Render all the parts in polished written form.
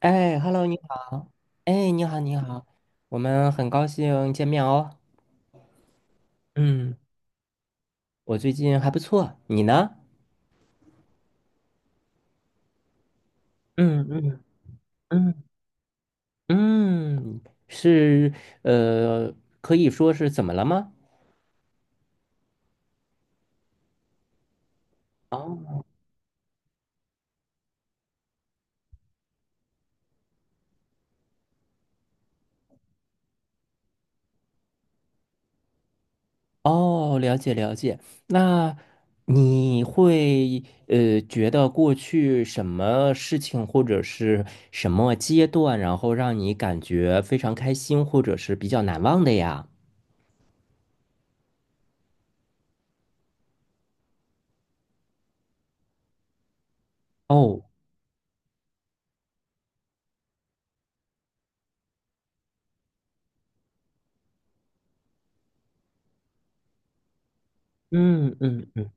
哎，Hello，你好。哎，你好，你好，我们很高兴见面哦。嗯，我最近还不错，你呢？嗯嗯嗯嗯，是呃，可以说是怎么了吗？哦哦，了解了解。那你会觉得过去什么事情或者是什么阶段，然后让你感觉非常开心，或者是比较难忘的呀？哦，嗯嗯嗯。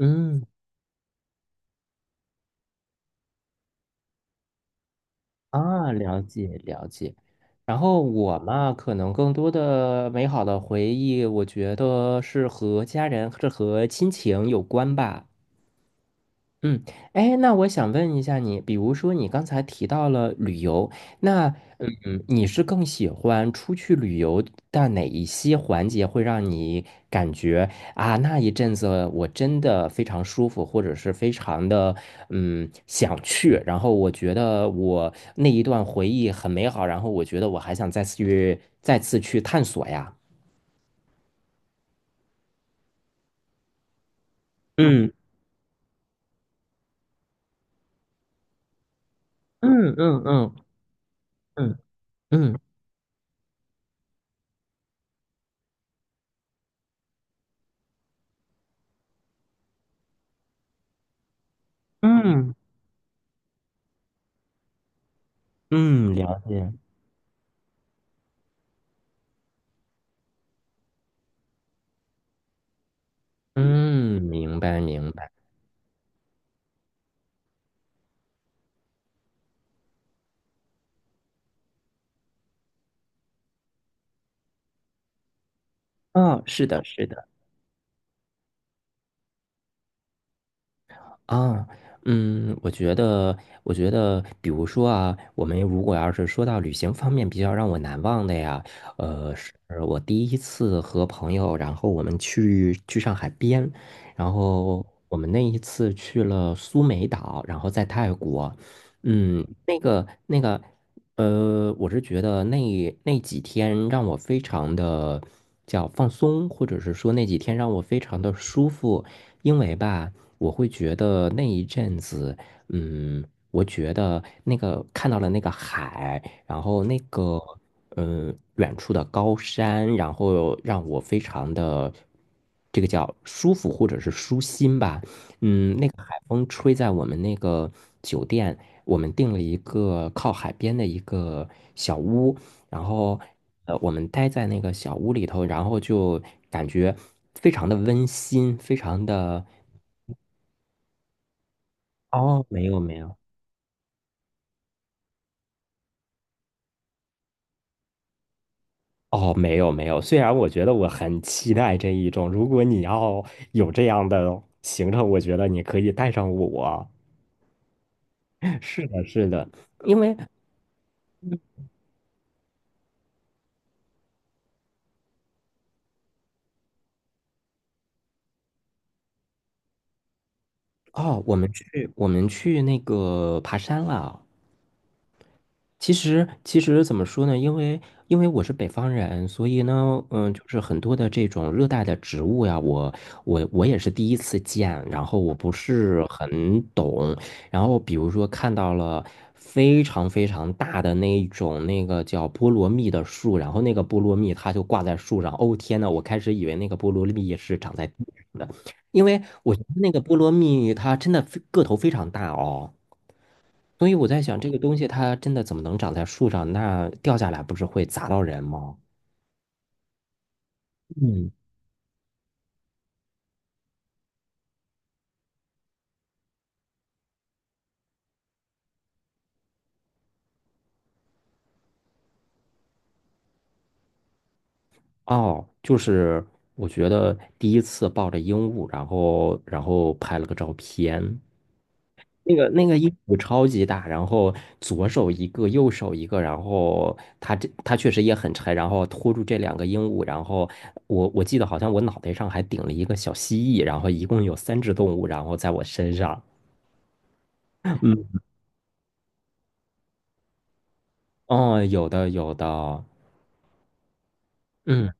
嗯啊，了解了解。然后我嘛，可能更多的美好的回忆，我觉得是和家人，是和亲情有关吧。嗯，哎，那我想问一下你，比如说你刚才提到了旅游，那嗯，你是更喜欢出去旅游的哪一些环节会让你感觉啊，那一阵子我真的非常舒服，或者是非常的嗯想去，然后我觉得我那一段回忆很美好，然后我觉得我还想再次去探索呀。嗯嗯嗯嗯嗯嗯嗯，嗯了解。嗯，明白明白。嗯，是的，是的。啊，嗯，我觉得，比如说啊，我们如果要是说到旅行方面比较让我难忘的呀，是我第一次和朋友，然后我们去上海边，然后我们那一次去了苏梅岛，然后在泰国，嗯，那个，我是觉得那几天让我非常的叫放松，或者是说那几天让我非常的舒服，因为吧。我会觉得那一阵子，嗯，我觉得那个看到了那个海，然后那个嗯远处的高山，然后让我非常的这个叫舒服或者是舒心吧。嗯，那个海风吹在我们那个酒店，我们订了一个靠海边的一个小屋，然后我们待在那个小屋里头，然后就感觉非常的温馨，非常的哦，没有没有，哦，没有没有。虽然我觉得我很期待这一种，如果你要有这样的行程，我觉得你可以带上我。是的，是的，因为哦，我们去那个爬山了。其实怎么说呢？因为我是北方人，所以呢，嗯，就是很多的这种热带的植物呀，我也是第一次见，然后我不是很懂，然后比如说看到了非常非常大的那一种那个叫菠萝蜜的树，然后那个菠萝蜜它就挂在树上，哦天呐，我开始以为那个菠萝蜜是长在地上的，因为我觉得那个菠萝蜜它真的非个头非常大哦。所以我在想，这个东西它真的怎么能长在树上？那掉下来不是会砸到人吗？嗯哦，就是我觉得第一次抱着鹦鹉，然后拍了个照片，那个鹦鹉超级大，然后左手一个，右手一个，然后它确实也很沉，然后拖住这两个鹦鹉，然后我记得好像我脑袋上还顶了一个小蜥蜴，然后一共有三只动物，然后在我身上，嗯，哦，有的有的，嗯。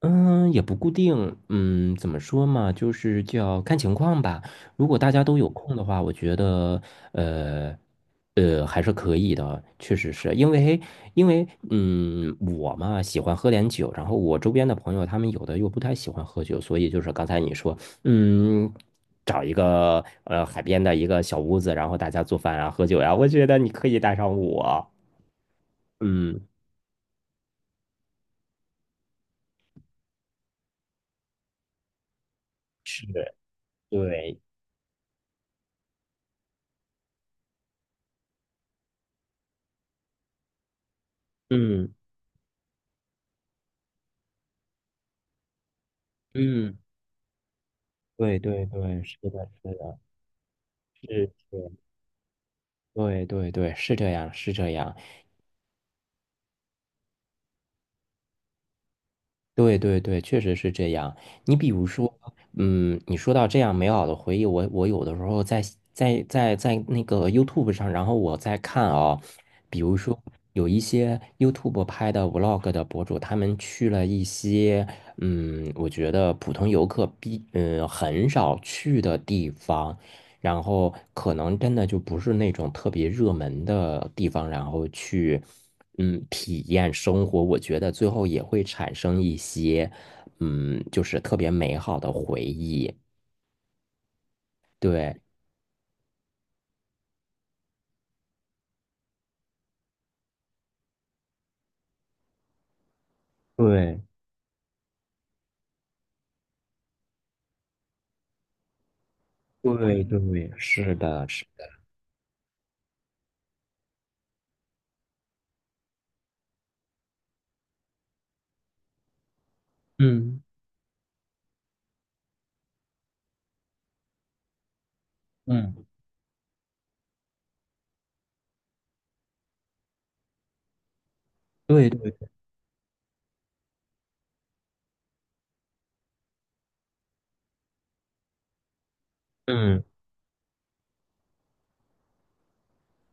嗯，也不固定，嗯，怎么说嘛，就是叫看情况吧。如果大家都有空的话，我觉得，呃，还是可以的，确实是因为，因为，嗯，我嘛喜欢喝点酒，然后我周边的朋友他们有的又不太喜欢喝酒，所以就是刚才你说，嗯，找一个海边的一个小屋子，然后大家做饭啊，喝酒呀，我觉得你可以带上我，嗯，对，嗯嗯，对对对，是的，是的。是是对对对，是这样，是这样，对对对，确实是这样。你比如说，嗯，你说到这样美好的回忆，我有的时候在那个 YouTube 上，然后我在看啊、比如说有一些 YouTube 拍的 Vlog 的博主，他们去了一些，嗯，我觉得普通游客必嗯很少去的地方。然后可能真的就不是那种特别热门的地方，然后去嗯体验生活，我觉得最后也会产生一些嗯就是特别美好的回忆。对对对对，是的，是的，嗯嗯，对对。嗯。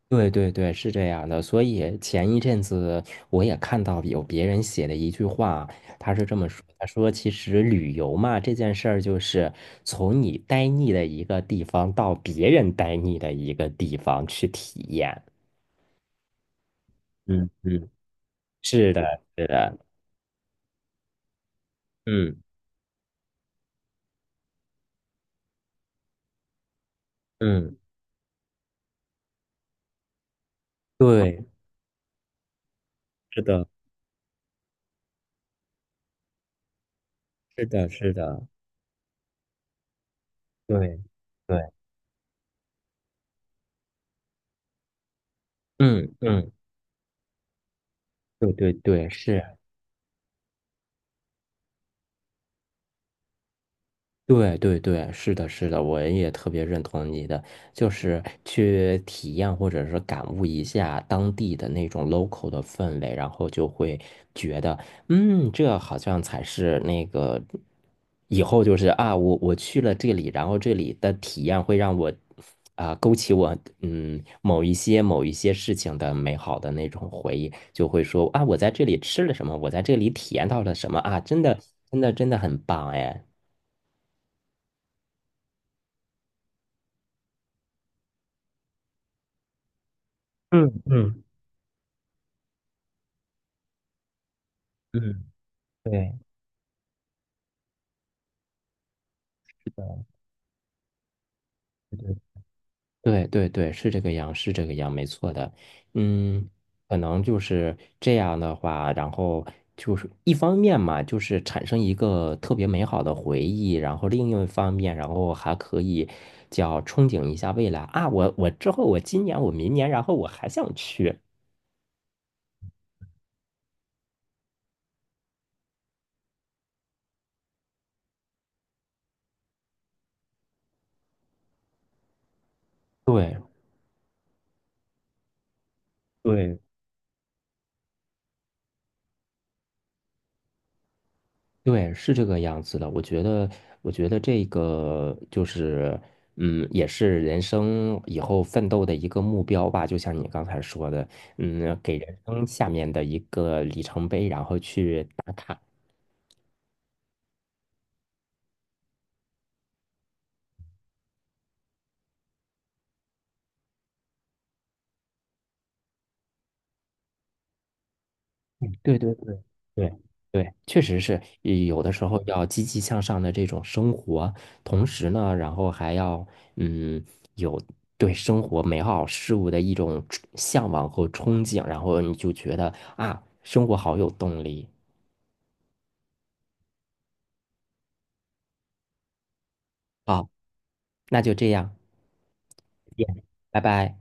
对对对，是这样的。所以前一阵子我也看到有别人写的一句话，他是这么说：他说，其实旅游嘛，这件事儿就是从你呆腻的一个地方到别人呆腻的一个地方去体验。嗯嗯，是的，是的，嗯嗯，对，是的，是的，是的，对对，嗯嗯，对对对，是。对对对，是的，是的，我也特别认同你的，就是去体验或者是感悟一下当地的那种 local 的氛围，然后就会觉得，嗯，这好像才是那个以后就是啊，我去了这里，然后这里的体验会让我啊、勾起我嗯某一些事情的美好的那种回忆，就会说啊，我在这里吃了什么，我在这里体验到了什么啊，真的很棒哎。嗯嗯。嗯，对，对对对，是这个样，是这个样，没错的。嗯，可能就是这样的话，然后就是一方面嘛，就是产生一个特别美好的回忆，然后另一方面，然后还可以叫憧憬一下未来啊，我我之后我今年我明年，然后我还想去。对。对对，是这个样子的。我觉得这个就是，嗯，也是人生以后奋斗的一个目标吧。就像你刚才说的，嗯，给人生下面的一个里程碑，然后去打卡。嗯对对对对对，确实是也有的时候要积极向上的这种生活，同时呢，然后还要嗯有对生活美好事物的一种憧向往和憧憬，然后你就觉得啊，生活好有动力。好，那就这样，再见拜拜。